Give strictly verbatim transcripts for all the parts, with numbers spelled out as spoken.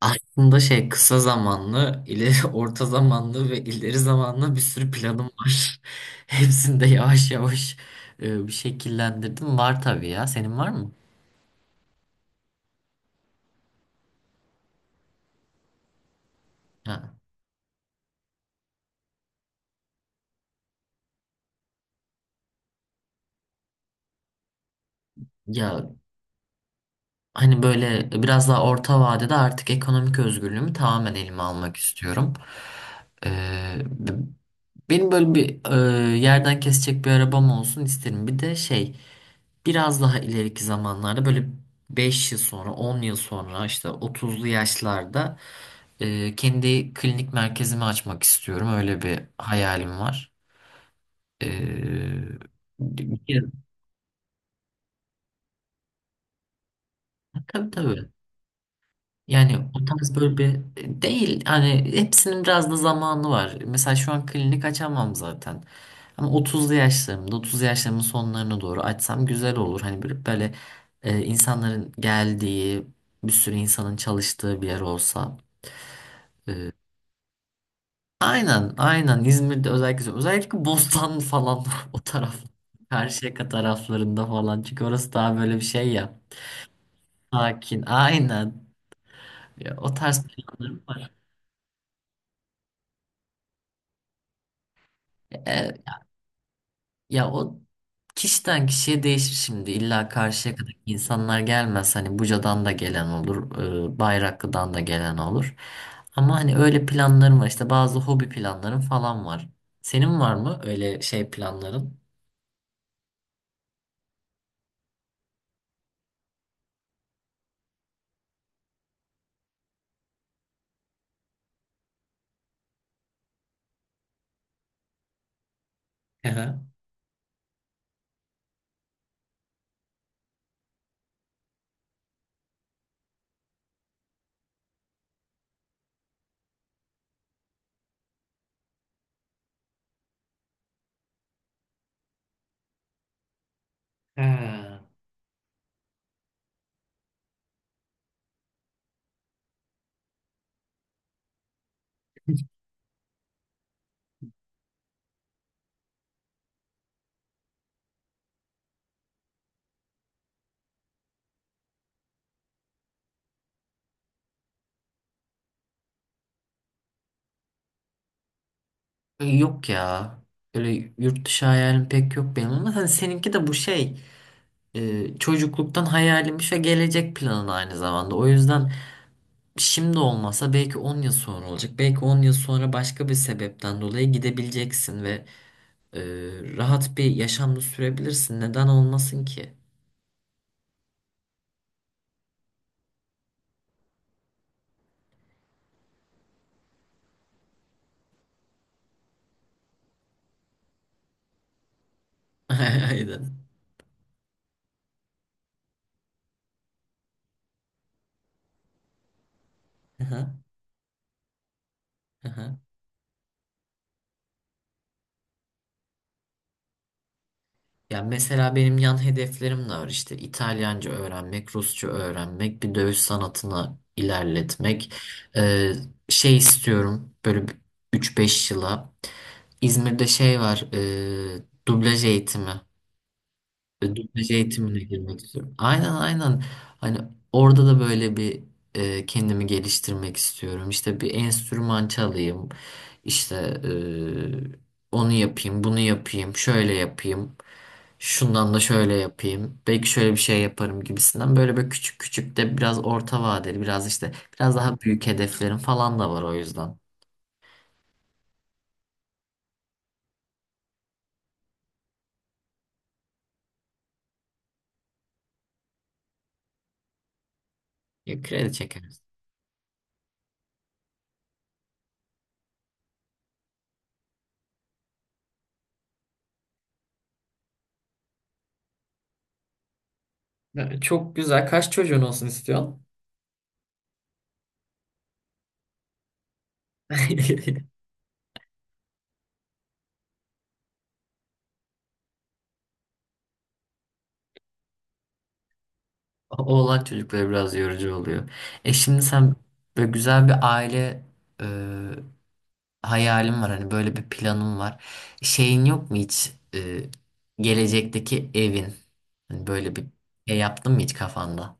Aslında şey kısa zamanlı, ileri orta zamanlı ve ileri zamanlı bir sürü planım var. Hepsini de yavaş yavaş e, bir şekillendirdim. Var tabii ya. Senin var mı? Ha. Ya hani böyle biraz daha orta vadede artık ekonomik özgürlüğümü tamamen elime almak istiyorum. Ee, b- Benim böyle bir e, yerden kesecek bir arabam olsun isterim. Bir de şey biraz daha ileriki zamanlarda böyle beş yıl sonra on yıl sonra işte otuzlu yaşlarda e, kendi klinik merkezimi açmak istiyorum. Öyle bir hayalim var. E, bir kere- tabii tabii. Yani o tarz böyle bir e, değil hani hepsinin biraz da zamanı var. Mesela şu an klinik açamam zaten. Ama otuzlu yaşlarımda, otuzlu yaşlarımın sonlarına doğru açsam güzel olur. Hani böyle, böyle e, insanların geldiği, bir sürü insanın çalıştığı bir yer olsa. E, aynen, aynen İzmir'de özellikle, özellikle Bostan falan o taraf. Karşıyaka taraflarında falan. Çünkü orası daha böyle bir şey ya. Sakin, aynen. Ya, o tarz planlarım var. E, Ya o kişiden kişiye değişir şimdi. İlla karşıya kadar insanlar gelmez. Hani Buca'dan da gelen olur, e, Bayraklı'dan da gelen olur. Ama hani öyle planlarım var. İşte bazı hobi planlarım falan var. Senin var mı öyle şey planların? Hı hı. Ha. Yok ya. Öyle yurt dışı hayalim pek yok benim ama hani seninki de bu şey e, çocukluktan hayalim ve gelecek planın aynı zamanda. O yüzden şimdi olmasa belki on yıl sonra olacak. Belki on yıl sonra başka bir sebepten dolayı gidebileceksin ve e, rahat bir yaşamda sürebilirsin. Neden olmasın ki? Aynen. Aha, aha. Ya mesela benim yan hedeflerim de var işte İtalyanca öğrenmek, Rusça öğrenmek, bir dövüş sanatına ilerletmek. E, Şey istiyorum böyle üç beş yıla. İzmir'de şey var, e, dublaj eğitimi. E, Dublaj eğitimine girmek istiyorum. Aynen aynen. Hani orada da böyle bir e, kendimi geliştirmek istiyorum. İşte bir enstrüman çalayım. İşte e, onu yapayım, bunu yapayım, şöyle yapayım. Şundan da şöyle yapayım. Belki şöyle bir şey yaparım gibisinden. Böyle böyle küçük küçük de biraz orta vadeli, biraz işte biraz daha büyük hedeflerim falan da var o yüzden. Ya, kredi çekeriz. Ya, çok güzel. Kaç çocuğun olsun istiyorsun? O- Oğlan çocukları biraz yorucu oluyor. E şimdi sen böyle güzel bir aile e, hayalin var. Hani böyle bir planın var. Şeyin yok mu hiç e, gelecekteki evin? Hani böyle bir şey yaptın mı hiç kafanda?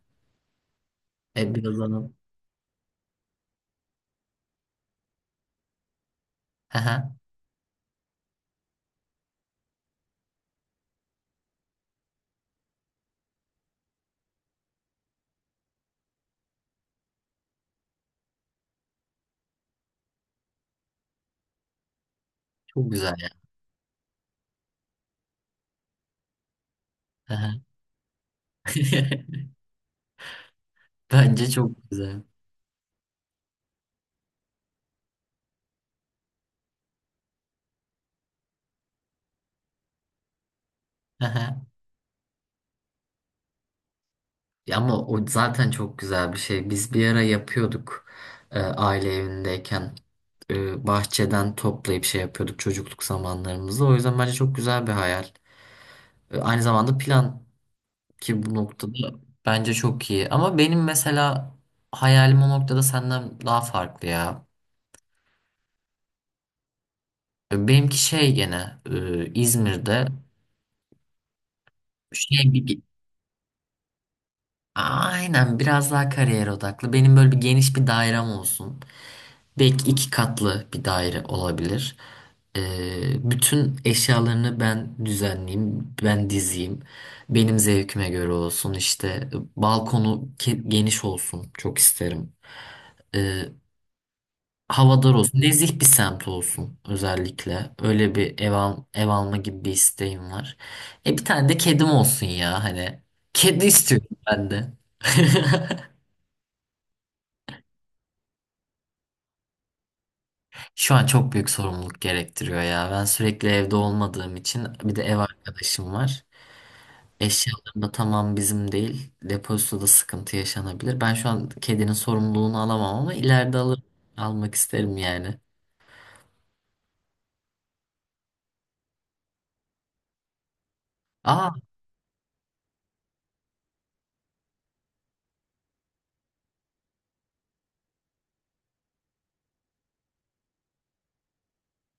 E biraz onu. Hı hı. Çok güzel ya. Hı hı. Bence çok güzel. Ya ama o zaten çok güzel bir şey. Biz bir ara yapıyorduk e, aile evindeyken. E, bahçeden toplayıp şey yapıyorduk çocukluk zamanlarımızda. O yüzden bence çok güzel bir hayal. E, aynı zamanda plan ki bu noktada bence çok iyi. Ama benim mesela hayalim o noktada senden daha farklı ya. E, benimki şey gene e, İzmir'de şey bir, bir- aynen biraz daha kariyer odaklı. Benim böyle bir geniş bir dairem olsun. Belki iki katlı bir daire olabilir. Ee, bütün eşyalarını ben düzenleyeyim, ben dizeyim. Benim zevkime göre olsun işte. Balkonu ke- geniş olsun çok isterim. Ee, Havadar olsun, nezih bir semt olsun özellikle. Öyle bir ev, al- ev alma gibi bir isteğim var. E bir tane de kedim olsun ya hani. Kedi istiyorum ben de. Şu an çok büyük sorumluluk gerektiriyor ya. Ben sürekli evde olmadığım için bir de ev arkadaşım var. Eşyalarım da tamam bizim değil. Depozitoda sıkıntı yaşanabilir. Ben şu an kedinin sorumluluğunu alamam ama ileride alır, almak isterim yani. Aa,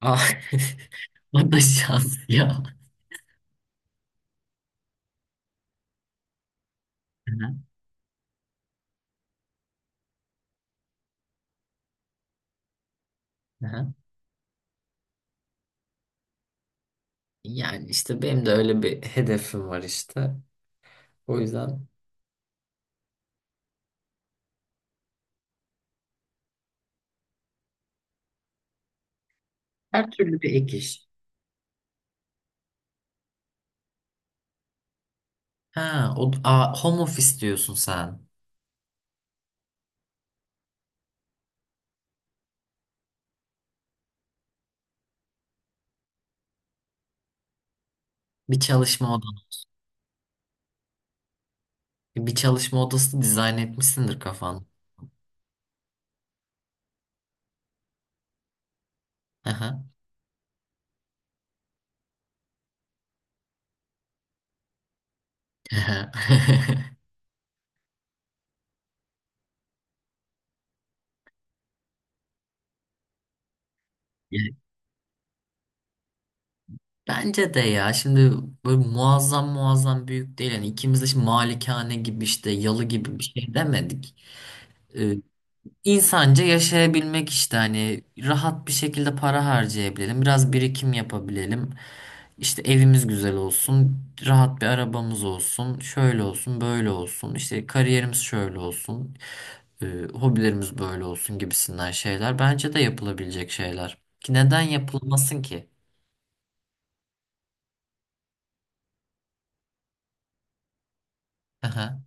aa. O da şans ya. Hı hı. Yani işte benim de öyle bir hedefim var işte. O yüzden her türlü bir ek iş. Ha, o, aa, home office diyorsun sen. Bir çalışma odan. Bir çalışma odası dizayn etmişsindir kafan. Aha. Ya, bence de ya şimdi böyle muazzam muazzam büyük değil. Yani ikimiz de şimdi malikane gibi işte yalı gibi bir şey demedik. Ee, İnsanca yaşayabilmek işte hani rahat bir şekilde para harcayabilelim, biraz birikim yapabilelim. İşte evimiz güzel olsun, rahat bir arabamız olsun, şöyle olsun, böyle olsun, işte kariyerimiz şöyle olsun, e, hobilerimiz böyle olsun gibisinden şeyler bence de yapılabilecek şeyler. Ki neden yapılmasın ki? Aha,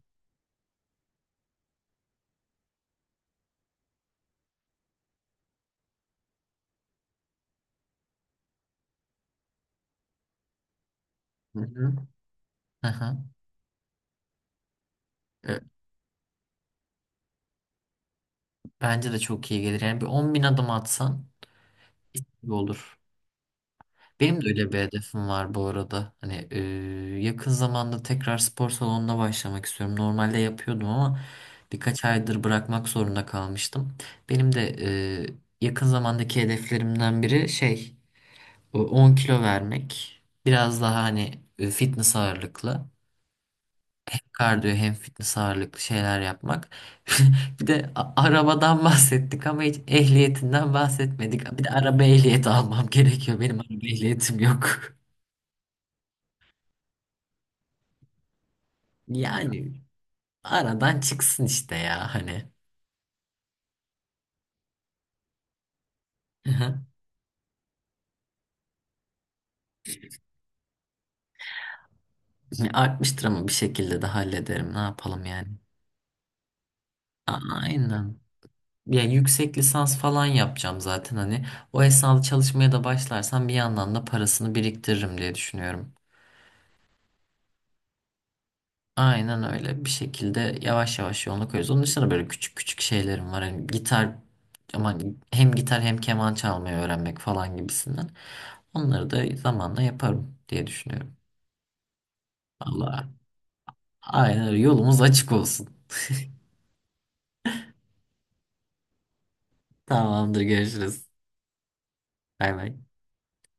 hı hı, aha. E, Bence de çok iyi gelir. Yani bir on bin adım atsan iyi olur. Benim de öyle bir hedefim var bu arada. Hani e, yakın zamanda tekrar spor salonuna başlamak istiyorum. Normalde yapıyordum ama birkaç aydır bırakmak zorunda kalmıştım. Benim de e, yakın zamandaki hedeflerimden biri şey o on kilo vermek. Biraz daha hani e, fitness ağırlıklı. Hem kardiyo hem fitness ağırlıklı şeyler yapmak. Bir de a- arabadan bahsettik ama hiç ehliyetinden bahsetmedik. Bir de araba ehliyeti almam gerekiyor. Benim araba ehliyetim yok. Yani aradan çıksın işte ya hani. Hı hı. Yani artmıştır ama bir şekilde de hallederim. Ne yapalım yani? A- Aynen. Ya yüksek lisans falan yapacağım zaten hani. O esnada çalışmaya da başlarsam bir yandan da parasını biriktiririm diye düşünüyorum. Aynen öyle. Bir şekilde yavaş yavaş yoluna koyuyoruz. Onun dışında böyle küçük küçük şeylerim var. Hani gitar ama hem gitar hem keman çalmayı öğrenmek falan gibisinden. Onları da zamanla yaparım diye düşünüyorum. Allah. Aynen öyle. Yolumuz açık olsun. Tamamdır görüşürüz. Bay bay.